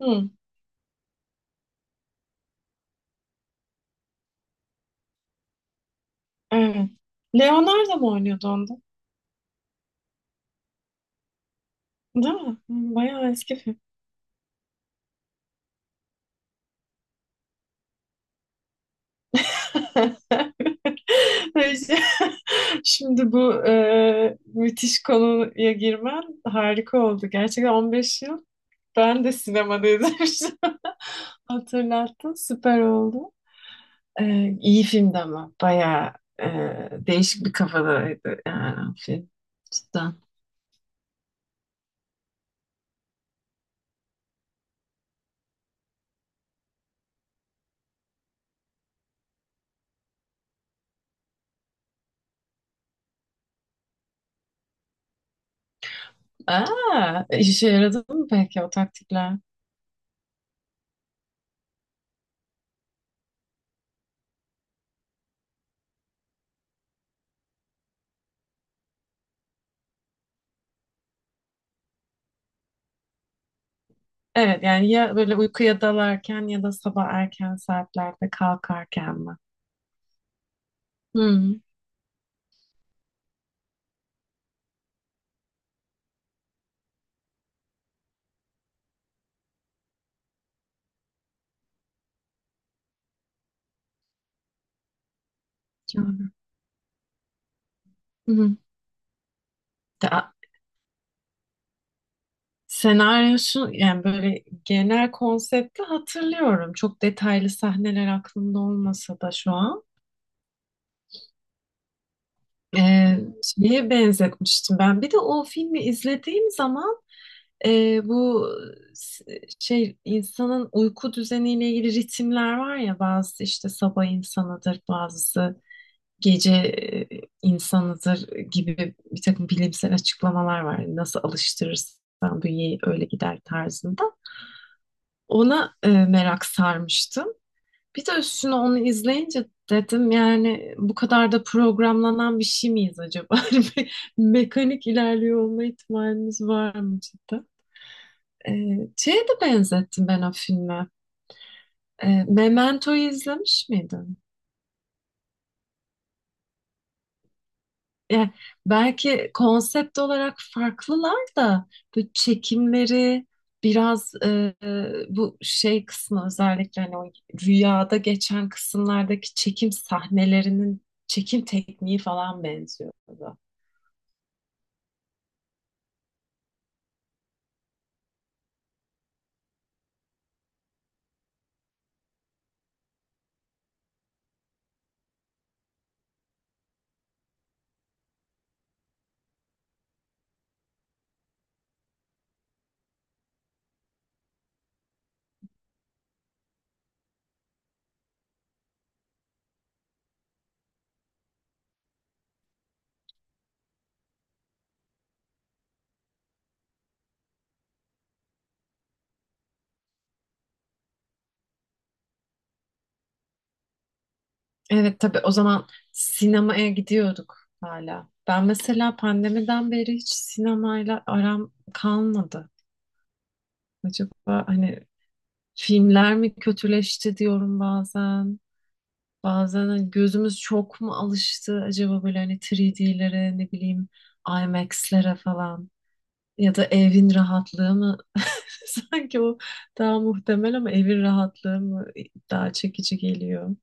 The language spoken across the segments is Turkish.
Hı, evet. Leonardo mu oynuyordu onda? Değil mi? Hı, bayağı eski film. Neyse. Şimdi bu müthiş konuya girmen harika oldu. Gerçekten 15 yıl ben de sinemada izlemiştim. Hatırlattın, süper oldu. İyi filmdi ama bayağı e, değişik bir kafadaydı yani film. Cidden. Aa, işe yaradı mı peki o taktikler? Evet yani ya böyle uykuya dalarken ya da sabah erken saatlerde kalkarken mi? Hı. Yani. Hı. Da- senaryo şu yani böyle genel konsepti hatırlıyorum. Çok detaylı sahneler aklımda olmasa da şu an. Ee, Şeye benzetmiştim ben. Bir de o filmi izlediğim zaman bu s- şey insanın uyku düzeniyle ilgili ritimler var ya, bazı işte sabah insanıdır, bazısı gece insanıdır gibi bir takım bilimsel açıklamalar var. Nasıl alıştırırsan bünyeyi öyle gider tarzında. Ona merak sarmıştım. Bir de üstüne onu izleyince dedim yani bu kadar da programlanan bir şey miyiz acaba? Bir mekanik ilerliyor olma ihtimalimiz var mı cidden? E, Şeye de benzettim ben o filme. Memento'yu izlemiş miydin? E, Belki konsept olarak farklılar da bu çekimleri biraz bu şey kısmı, özellikle hani o rüyada geçen kısımlardaki çekim sahnelerinin çekim tekniği falan benziyordu. Evet tabii, o zaman sinemaya gidiyorduk hala. Ben mesela pandemiden beri hiç sinemayla aram kalmadı. Acaba hani filmler mi kötüleşti diyorum bazen. Bazen hani gözümüz çok mu alıştı acaba böyle, hani 3D'lere, ne bileyim IMAX'lere falan, ya da evin rahatlığı mı, sanki o daha muhtemel, ama evin rahatlığı mı daha çekici geliyor.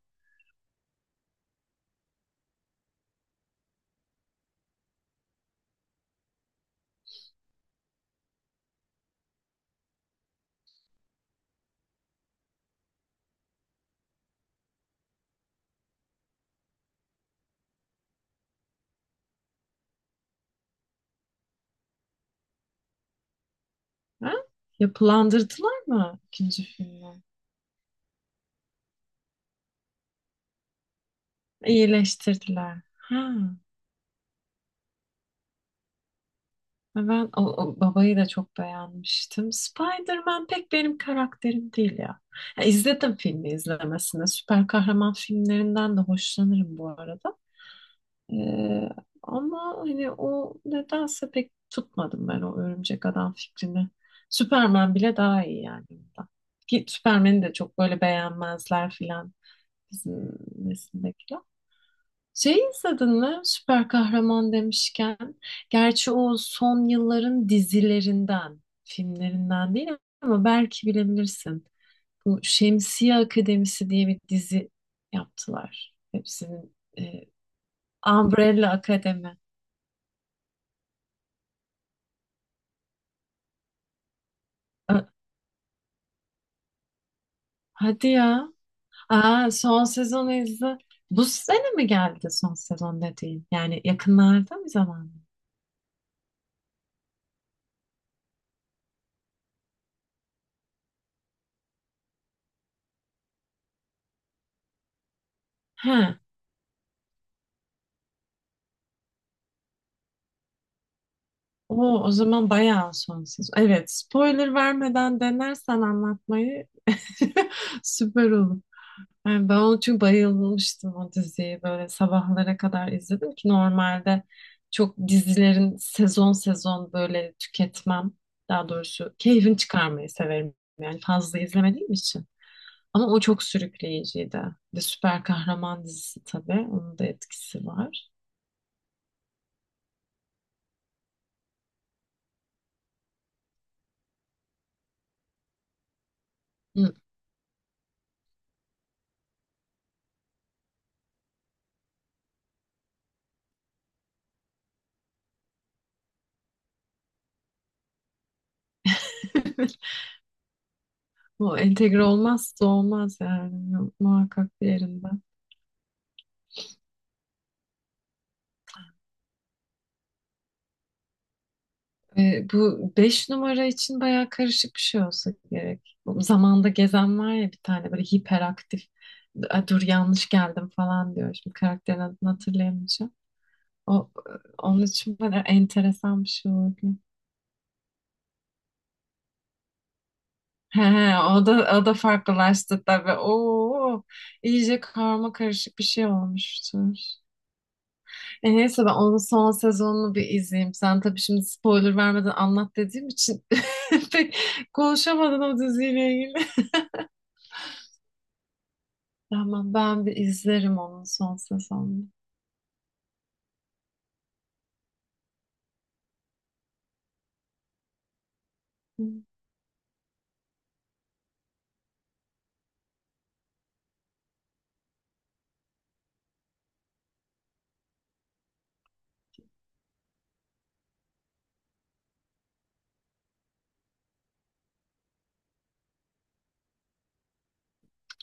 Ha? Yapılandırdılar mı ikinci filmi? İyileştirdiler. Ha. Ve ben o babayı da çok beğenmiştim. Spider-Man pek benim karakterim değil ya. Ya izledim, filmi izlemesine. Süper kahraman filmlerinden de hoşlanırım bu arada. Ee, Ama hani o nedense pek tutmadım ben o örümcek adam fikrini. Superman bile daha iyi yani, bundan. Ki Superman'i de çok böyle beğenmezler filan, bizim nesildekiler. Şey izledin mi, süper kahraman demişken? Gerçi o son yılların dizilerinden, filmlerinden değil ama belki bilebilirsin. Bu Şemsiye Akademisi diye bir dizi yaptılar. Hepsinin Umbrella Akademi. Ö- Hadi ya. Aa, son sezonu izle. Bu sene mi geldi son sezon dediğin? Yani yakınlarda mı zaman? He. Oo, o zaman bayağı sonsuz. Evet, spoiler vermeden denersen anlatmayı süper olur. Yani ben onu, çünkü bayılmıştım o diziyi. Böyle sabahlara kadar izledim ki, normalde çok dizilerin sezon sezon böyle tüketmem. Daha doğrusu keyfini çıkarmayı severim. Yani fazla izlemediğim için. Ama o çok sürükleyiciydi. Bir de süper kahraman dizisi tabii, onun da etkisi var. Hı. Bu entegre olmazsa olmaz yani, muhakkak diğerinde. Bu beş numara için bayağı karışık bir şey olsa gerek. Bu zamanda gezen var ya, bir tane böyle hiperaktif. "A, dur, yanlış geldim" falan diyor. Şimdi karakterin adını hatırlayamayacağım. O, onun için böyle enteresan bir şey oldu. He, he, o da o da farklılaştı tabii. Oo, iyice karma karışık bir şey olmuştur. Neyse, ben onun son sezonunu bir izleyeyim. Sen tabii, şimdi spoiler vermeden anlat dediğim için pek konuşamadın o diziyle ilgili. Tamam, ben bir izlerim onun son sezonunu. Hı.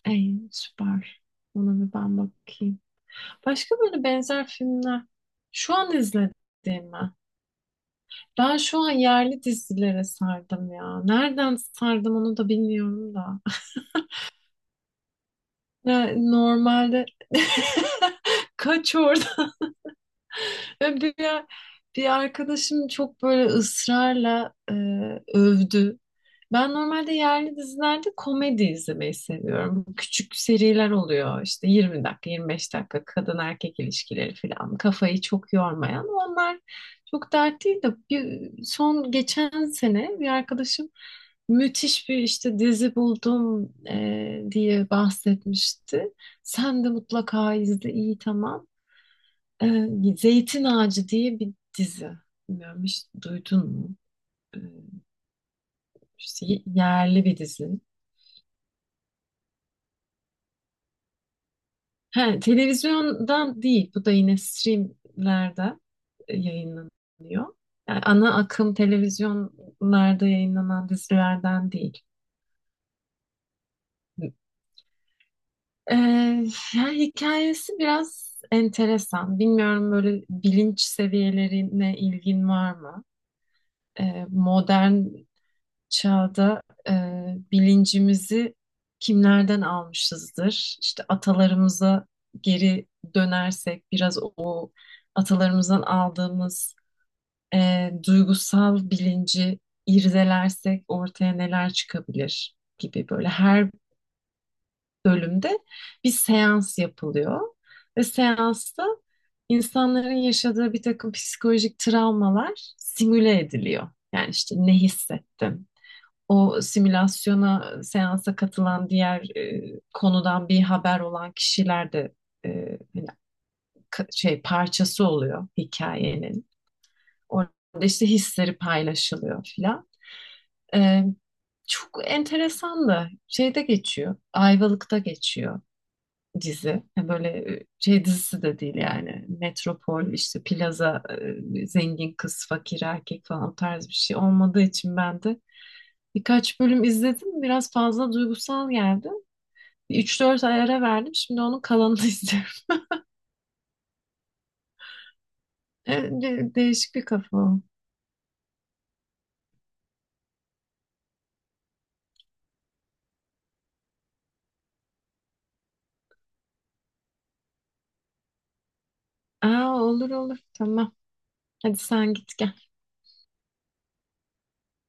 Ey süper. Ona bir ben bakayım. Başka böyle benzer filmler şu an izlediğim mi? Ben şu an yerli dizilere sardım ya. Nereden sardım onu da bilmiyorum da. Ya normalde kaçıyor. Ve bir arkadaşım çok böyle ısrarla övdü. Ben normalde yerli dizilerde komedi izlemeyi seviyorum. Küçük seriler oluyor işte, 20 dakika, 25 dakika, kadın erkek ilişkileri falan. Kafayı çok yormayan, onlar çok dert değil, de son geçen sene bir arkadaşım, müthiş bir işte dizi buldum diye bahsetmişti. Sen de mutlaka izle, iyi, tamam. Ee, Zeytin Ağacı diye bir dizi. Bilmiyorum, hiç duydun mu? Ee, işte yerli bir dizi. He, televizyondan değil. Bu da yine streamlerde yayınlanıyor. Yani ana akım televizyonlarda yayınlanan dizilerden değil. Ee, Yani hikayesi biraz enteresan. Bilmiyorum, böyle bilinç seviyelerine ilgin var mı? Modern çağda e, bilincimizi kimlerden almışızdır? İşte atalarımıza geri dönersek, biraz o atalarımızdan aldığımız duygusal bilinci irdelersek ortaya neler çıkabilir gibi, böyle her bölümde bir seans yapılıyor ve seansta insanların yaşadığı bir takım psikolojik travmalar simüle ediliyor. Yani işte ne hissettin? O simülasyona, seansa katılan diğer konudan bir haber olan kişiler de hani şey parçası oluyor hikayenin. Orada işte hisleri paylaşılıyor filan. E, Çok enteresan, da şeyde geçiyor. Ayvalık'ta geçiyor dizi. Yani böyle şey dizisi de değil yani. Metropol işte, plaza zengin kız fakir erkek falan o tarz bir şey olmadığı için, ben de birkaç bölüm izledim. Biraz fazla duygusal geldi. Üç dört ay ara verdim. Şimdi onun kalanını izliyorum. Evet, değişik bir kafa o. Aa, olur olur. Tamam. Hadi sen git gel.